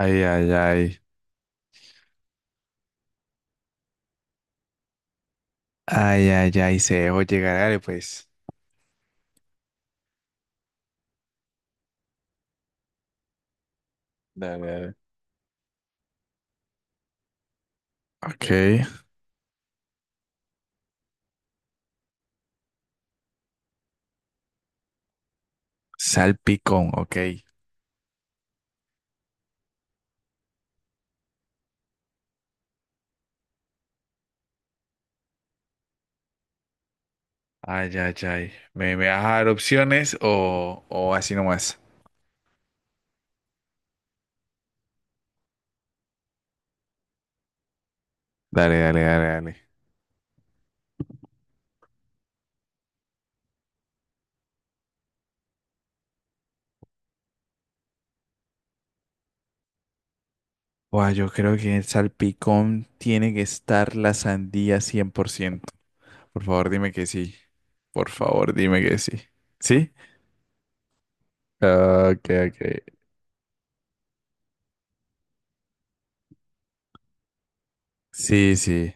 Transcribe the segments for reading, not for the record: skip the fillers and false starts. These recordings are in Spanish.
Ay, ay, ay. Ay, ay, ay. Se dejó llegar, dale, pues. Dale, dale. Ok. Salpicón, ok. Ay, ay, ay. ¿Me vas a dar opciones o así nomás? Dale, dale, dale, dale. Buah, yo creo que en el salpicón tiene que estar la sandía 100%. Por ciento. Por favor, dime que sí. Por favor, dime que sí. ¿Sí? Ok, ok. Sí, sí.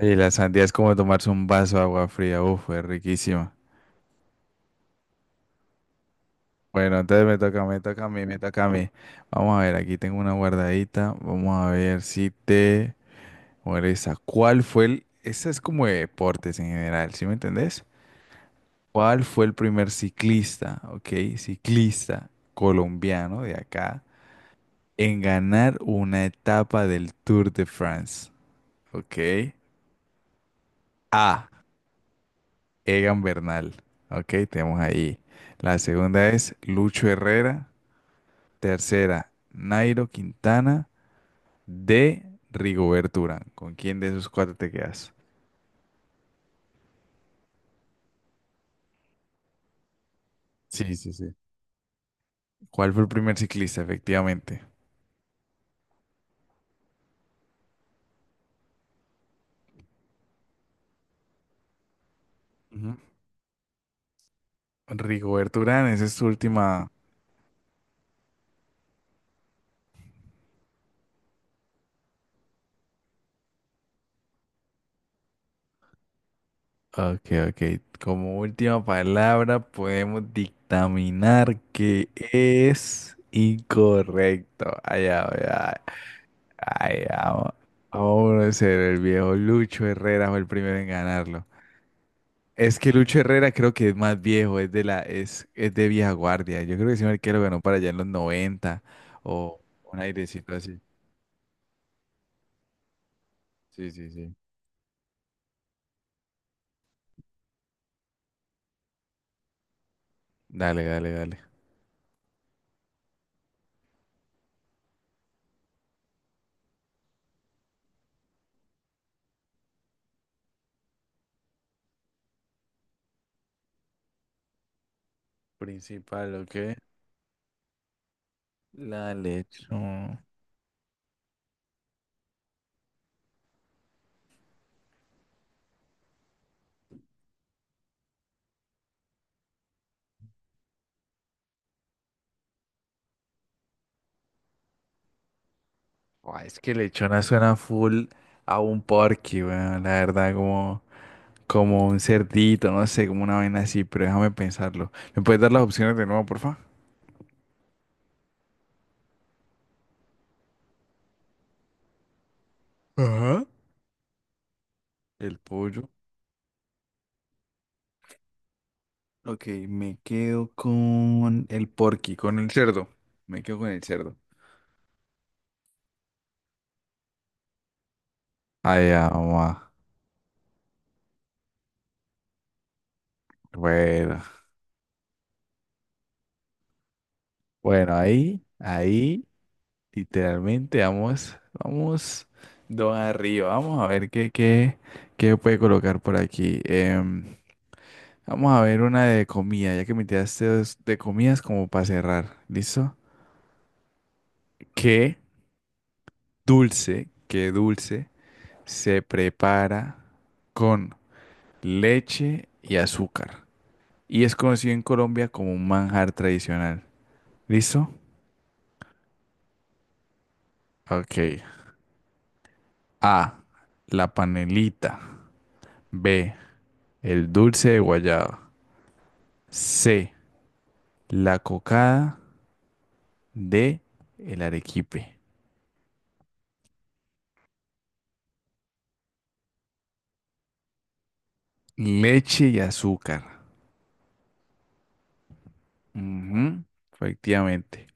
Y la sandía es como tomarse un vaso de agua fría. Uf, es riquísima. Bueno, entonces me toca a mí, me toca a mí. Vamos a ver, aquí tengo una guardadita. Vamos a ver si te molesta. ¿Cuál fue el...? Ese es como de deportes en general, ¿sí me entendés? ¿Cuál fue el primer ciclista, ok? Ciclista colombiano de acá en ganar una etapa del Tour de France, ok? A. Egan Bernal, ok, tenemos ahí. La segunda es Lucho Herrera. Tercera, Nairo Quintana. De Rigoberto Urán. ¿Con quién de esos cuatro te quedas? Sí, sí, sí. ¿Cuál fue el primer ciclista? Efectivamente. Ujú. Rigoberto Urán, esa es tu última. Ok, ok. Como última palabra, podemos dictaminar que es incorrecto. Ay, ay, ay. Ay, vamos. Vamos a ser el viejo Lucho Herrera fue el primero en ganarlo. Es que Lucho Herrera creo que es más viejo, es de la, es de vieja guardia. Yo creo que ese marquero ganó para allá en los noventa o un airecito así. Sí, sí, sí. Dale, dale, dale. Principal, ¿ok? La lechona. Buah, es que lechona suena full a un porky, weón. La verdad, como, como un cerdito, no sé, como una vaina así, pero déjame pensarlo. ¿Me puedes dar las opciones de nuevo, porfa? Ajá. El pollo. Ok, me quedo con el porky, con el cerdo. Me quedo con el cerdo. Ay, mamá. Bueno, bueno, ahí, literalmente vamos, vamos dos arriba. Vamos a ver qué puede colocar por aquí. Vamos a ver una de comida, ya que me tiraste dos de comidas como para cerrar. ¿Listo? ¿Qué qué dulce se prepara con leche y azúcar y es conocido en Colombia como un manjar tradicional? ¿Listo? Ok. A. La panelita. B. El dulce de guayaba. C. La cocada. D. El arequipe. Leche y azúcar. Ujú, efectivamente.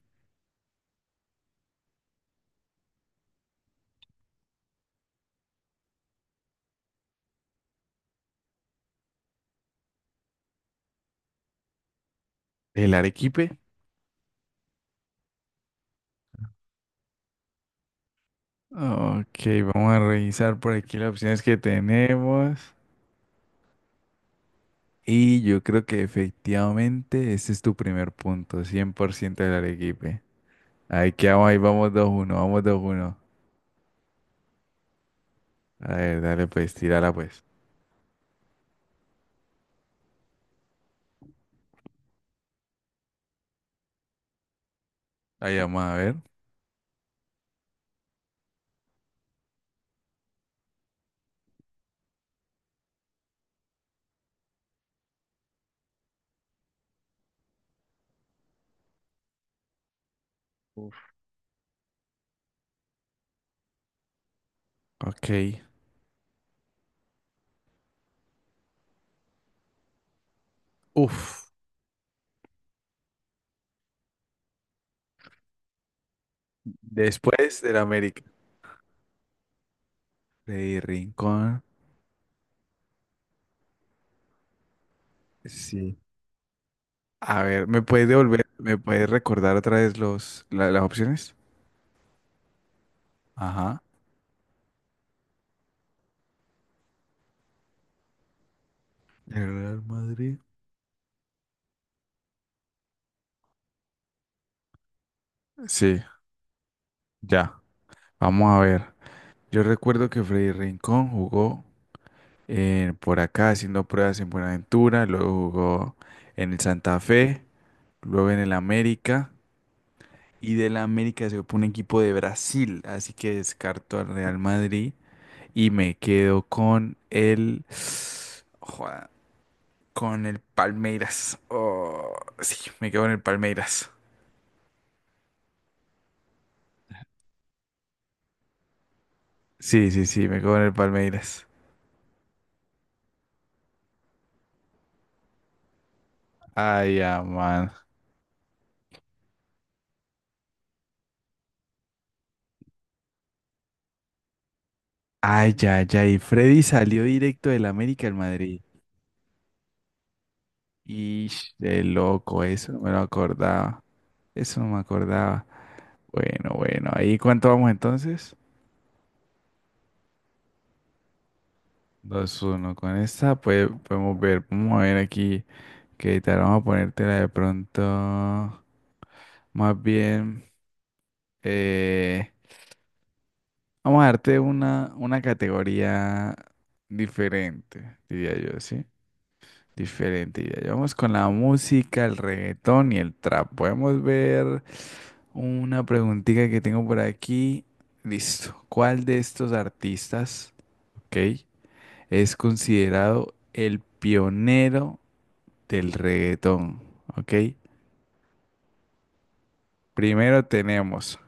¿El arequipe? Ok, vamos a revisar por aquí las opciones que tenemos. Y yo creo que efectivamente ese es tu primer punto, cien por ciento del arequipe. Ahí quedamos, ahí vamos dos uno, vamos dos uno. A ver, dale pues, tírala pues. Ahí vamos a ver. Ok. Uf. Después del América. Freddy Rincón. Sí. A ver, ¿me puedes devolver, me puedes recordar otra vez las opciones? Ajá. El Real Madrid. Sí, ya. Vamos a ver. Yo recuerdo que Freddy Rincón jugó en- por acá haciendo pruebas en Buenaventura, luego jugó en el Santa Fe, luego en el América. Y de la América se fue un equipo de Brasil, así que descarto al Real Madrid y me quedo con el... Joda, con el Palmeiras. Oh, sí, me quedo con el Palmeiras. Sí, sí, sí, me quedo con el Palmeiras. Ay, ya, man. Ay, ya, ya. Y Freddy salió directo del América al Madrid. Y de loco, eso no me lo acordaba. Eso no me acordaba. Bueno, bueno, ahí, ¿cuánto vamos entonces? Dos uno. Con esta pues, podemos ver. Vamos a ver aquí qué tal. Vamos a ponértela de pronto. Más bien, eh, vamos a darte una categoría diferente, diría yo, ¿sí? Diferente, diría yo. Vamos con la música, el reggaetón y el trap. Podemos ver una preguntita que tengo por aquí. Listo. ¿Cuál de estos artistas, ok, es considerado el pionero del reggaetón, ok? Primero tenemos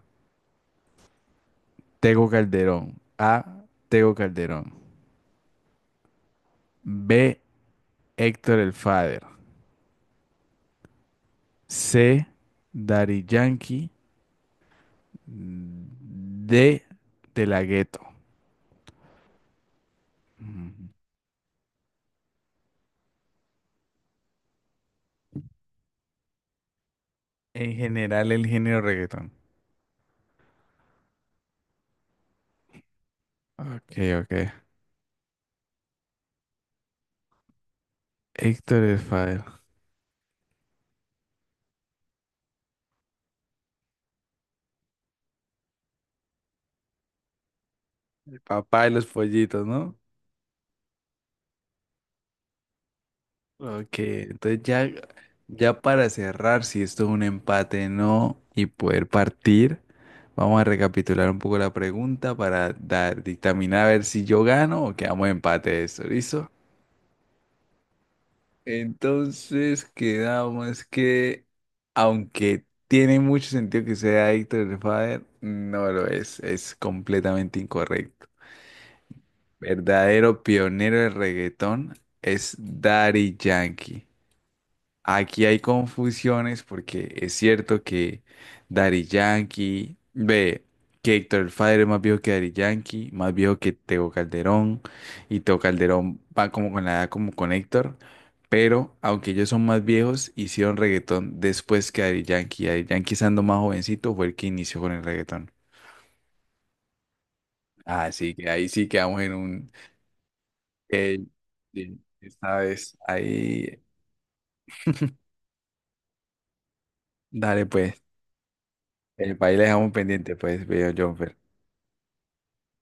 Tego Calderón. A. Tego Calderón. B. Héctor el Father. C. Daddy Yankee. D. De la Ghetto. En general, el género reggaetón. Ok, ok. Héctor el Father. El papá de los pollitos, ¿no? Ok, entonces ya, ya para cerrar, si esto es un empate, no, y poder partir, vamos a recapitular un poco la pregunta para dar, dictaminar a ver si yo gano o quedamos empate de esto, ¿listo? Entonces quedamos que, aunque tiene mucho sentido que sea Héctor el Father, no lo es completamente incorrecto. Verdadero pionero del reggaetón es Daddy Yankee. Aquí hay confusiones porque es cierto que Daddy Yankee, ve, que Héctor el Father es más viejo que Daddy Yankee, más viejo que Tego Calderón, y Tego Calderón va como con la edad como con Héctor, pero aunque ellos son más viejos, hicieron reggaetón después que Daddy Yankee. Daddy Yankee estando más jovencito fue el que inició con el reggaetón. Así que ahí sí quedamos en un... eh, sí, esta vez, ahí, dale pues, el país le dejamos pendiente pues, veo Jonfer.